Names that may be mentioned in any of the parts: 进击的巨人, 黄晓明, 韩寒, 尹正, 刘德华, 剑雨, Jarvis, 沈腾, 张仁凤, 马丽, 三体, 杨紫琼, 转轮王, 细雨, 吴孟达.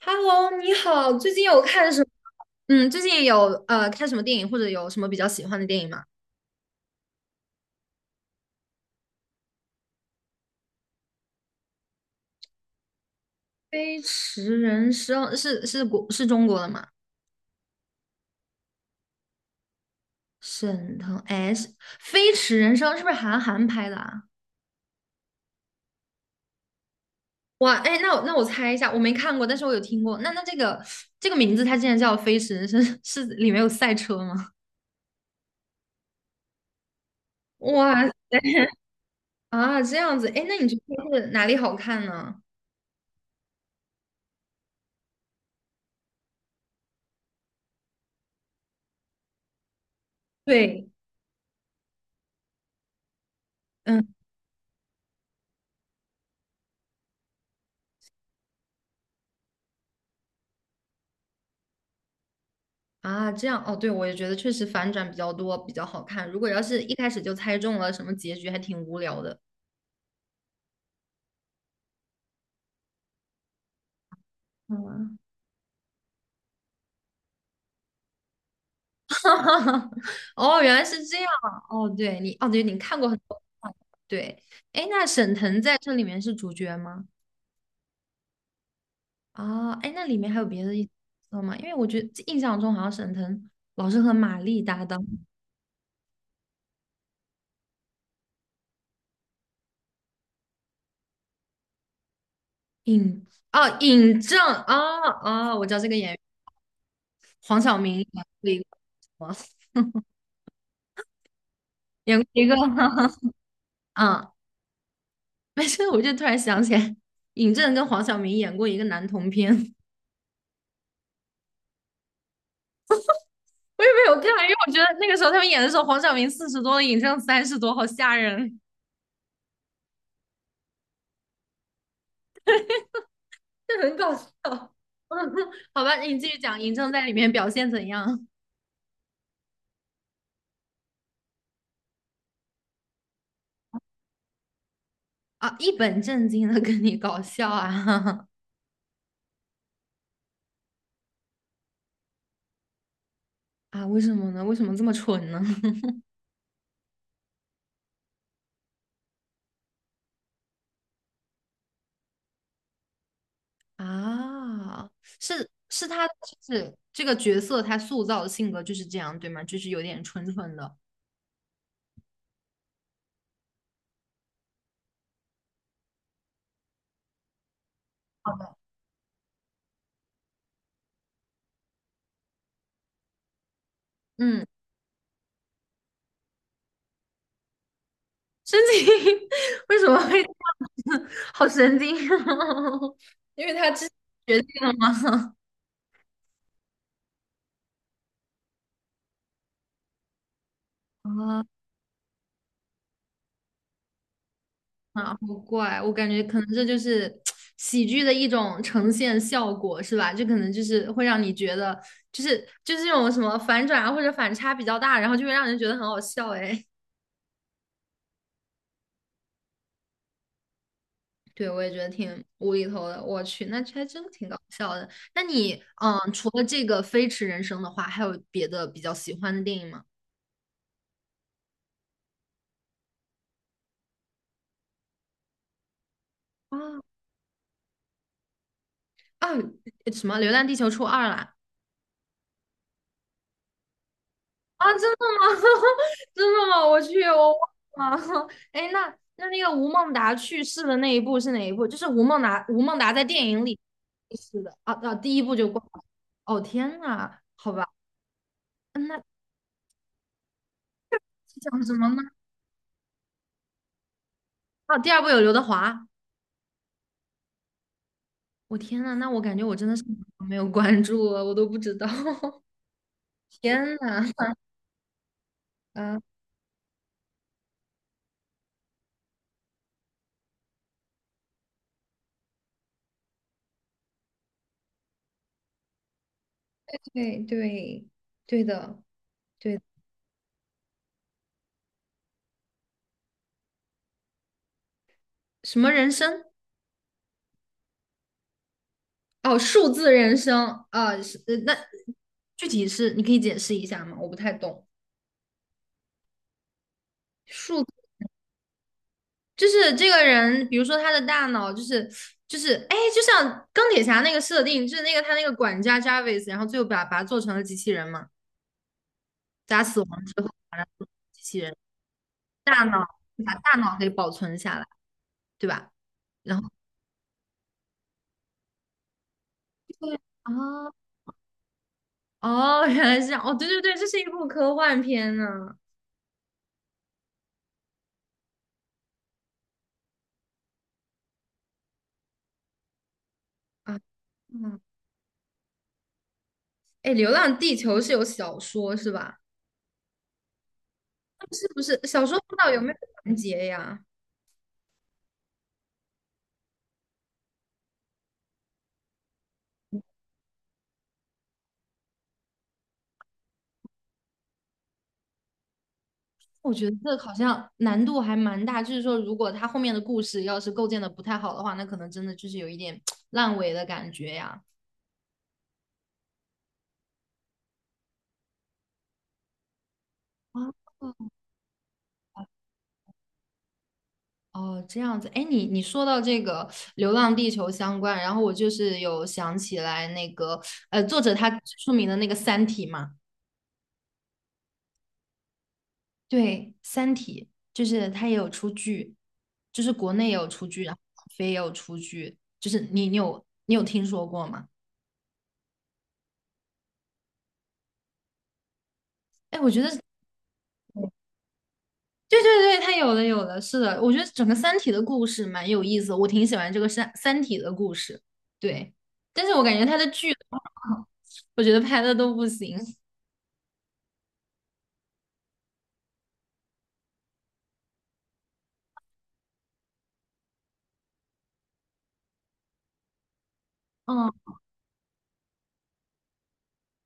Hello，你好，最近有看什么？嗯，最近有看什么电影，或者有什么比较喜欢的电影吗？《飞驰人生》是是国是中国的吗？沈腾，哎，飞驰人生》是不是韩寒拍的啊？哇，哎，那我猜一下，我没看过，但是我有听过。那这个名字，它竟然叫《飞驰人生》，是里面有赛车吗？哇塞，啊，这样子，哎，那你觉得是哪里好看呢？对，嗯。啊，这样哦，对，我也觉得确实反转比较多，比较好看。如果要是一开始就猜中了什么结局，还挺无聊的。嗯，哦，原来是这样啊。哦，对你，哦，对，你看过很多。对，哎，那沈腾在这里面是主角吗？啊，哎，那里面还有别的角色吗？因为我觉得印象中好像沈腾老是和马丽搭档。尹哦，尹正啊啊、哦我知道这个演员，黄晓明演过一个什么？演过一个，嗯 没事，我就突然想起来，尹正跟黄晓明演过一个男同片，我也没有看，因为我觉得那个时候他们演的时候，黄晓明40多了，尹正30多，好吓人，这很搞笑。嗯，好吧，你继续讲，尹正在里面表现怎样啊？一本正经的跟你搞笑啊 啊？为什么呢？为什么这么蠢呢？啊，是他就是这个角色他塑造的性格就是这样，对吗？就是有点蠢蠢的，嗯。神经 为什么会这样子？好神经哦！因为他之前决定了吗？啊啊，好怪！我感觉可能这就是喜剧的一种呈现效果，是吧？就可能就是会让你觉得，就是这种什么反转啊，或者反差比较大，然后就会让人觉得很好笑。哎，对，我也觉得挺无厘头的。我去，那还真挺搞笑的。那你，嗯，除了这个《飞驰人生》的话，还有别的比较喜欢的电影吗？啊。啊，什么《流浪地球》出二了啊，真的吗？真的吗？我去，我忘了。哎，那那个吴孟达去世的那一部是哪一部？就是吴孟达，吴孟达在电影里去世的啊啊，第一部就挂了。哦天呐，好吧，嗯那是讲什么呢？啊，第二部有刘德华。我天呐，那我感觉我真的是没有关注了，我都不知道。天呐，啊，对对对的，对什么人生？哦，数字人生啊，是那具体是你可以解释一下吗？我不太懂。数就是这个人，比如说他的大脑就是哎，就像钢铁侠那个设定，就是那个他那个管家 Jarvis，然后最后把他做成了机器人嘛，在他死亡之后把他做成机器人，大脑把大脑给保存下来，对吧？然后对啊，哦，原来是这样，哦，对对对，这是一部科幻片呢。啊，嗯，哎，《流浪地球》是有小说是吧？是不是小说不知道有没有完结呀？我觉得这好像难度还蛮大，就是说，如果他后面的故事要是构建的不太好的话，那可能真的就是有一点烂尾的感觉呀。哦哦，这样子，哎，你说到这个《流浪地球》相关，然后我就是有想起来那个，作者他最出名的那个《三体》嘛，对，《三体》就是他也有出剧，就是国内也有出剧，然后网飞也有出剧，就是你有听说过吗？哎，我觉得对对对，它有的有的，是的，我觉得整个《三体》的故事蛮有意思的，我挺喜欢这个《三体》的故事。对，但是我感觉它的剧，我觉得拍的都不行。嗯，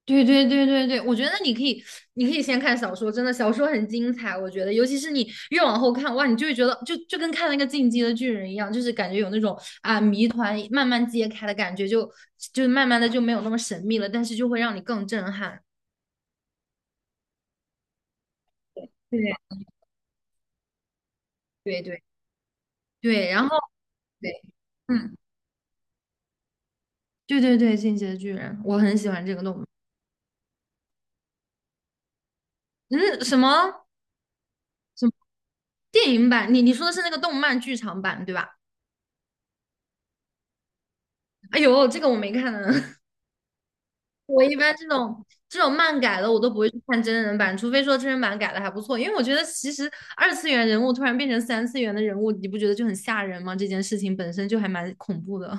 对对对对对，我觉得你可以，你可以先看小说，真的小说很精彩，我觉得，尤其是你越往后看，哇，你就会觉得就跟看那个《进击的巨人》一样，就是感觉有那种啊谜团慢慢揭开的感觉，就慢慢的就没有那么神秘了，但是就会让你更震撼。对对对对，然后对。嗯。对对对，《进击的巨人》，我很喜欢这个动漫。嗯，什么电影版？你你说的是那个动漫剧场版对吧？哎呦，这个我没看呢。我一般这种漫改的，我都不会去看真人版，除非说真人版改的还不错。因为我觉得其实二次元人物突然变成三次元的人物，你不觉得就很吓人吗？这件事情本身就还蛮恐怖的。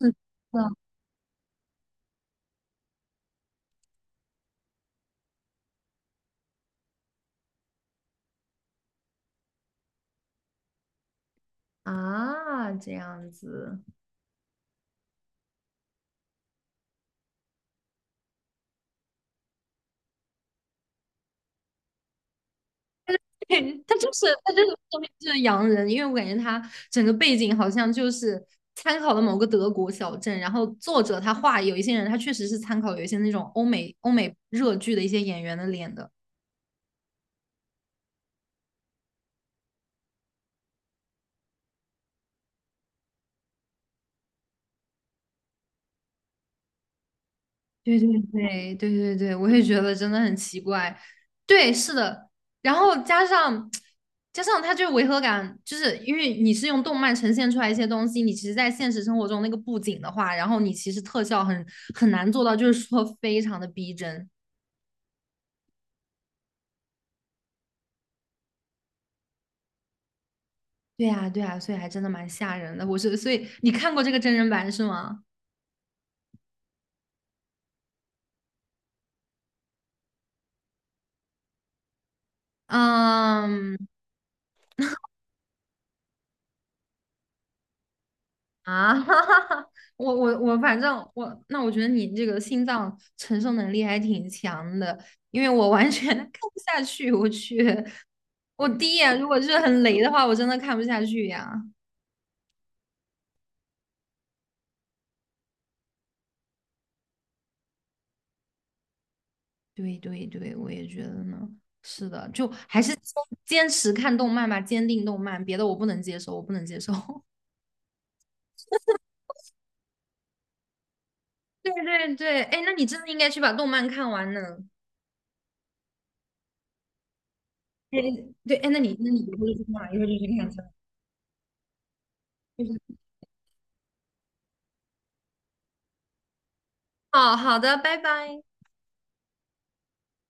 是的。啊，这样子。对，他就是后面就是洋人，因为我感觉他整个背景好像就是参考了某个德国小镇，然后作者他画有一些人，他确实是参考有一些那种欧美热剧的一些演员的脸的。对对对对对对，我也觉得真的很奇怪。对，是的，然后加上他这个违和感，就是因为你是用动漫呈现出来一些东西，你其实在现实生活中那个布景的话，然后你其实特效很难做到，就是说非常的逼真。对呀，对呀，所以还真的蛮吓人的。我是，所以你看过这个真人版是吗？嗯啊，我，反正我，那我觉得你这个心脏承受能力还挺强的，因为我完全 看不下去。我去，我第一眼如果是很雷的话，我真的看不下去呀。对对对，我也觉得呢。是的，就还是坚持看动漫吧，坚定动漫，别的我不能接受，我不能接受。对对对，哎，那你真的应该去把动漫看完呢。哎，对，哎，那你一会儿就去干嘛？一会儿就去看去了就是，哦，好的，拜拜。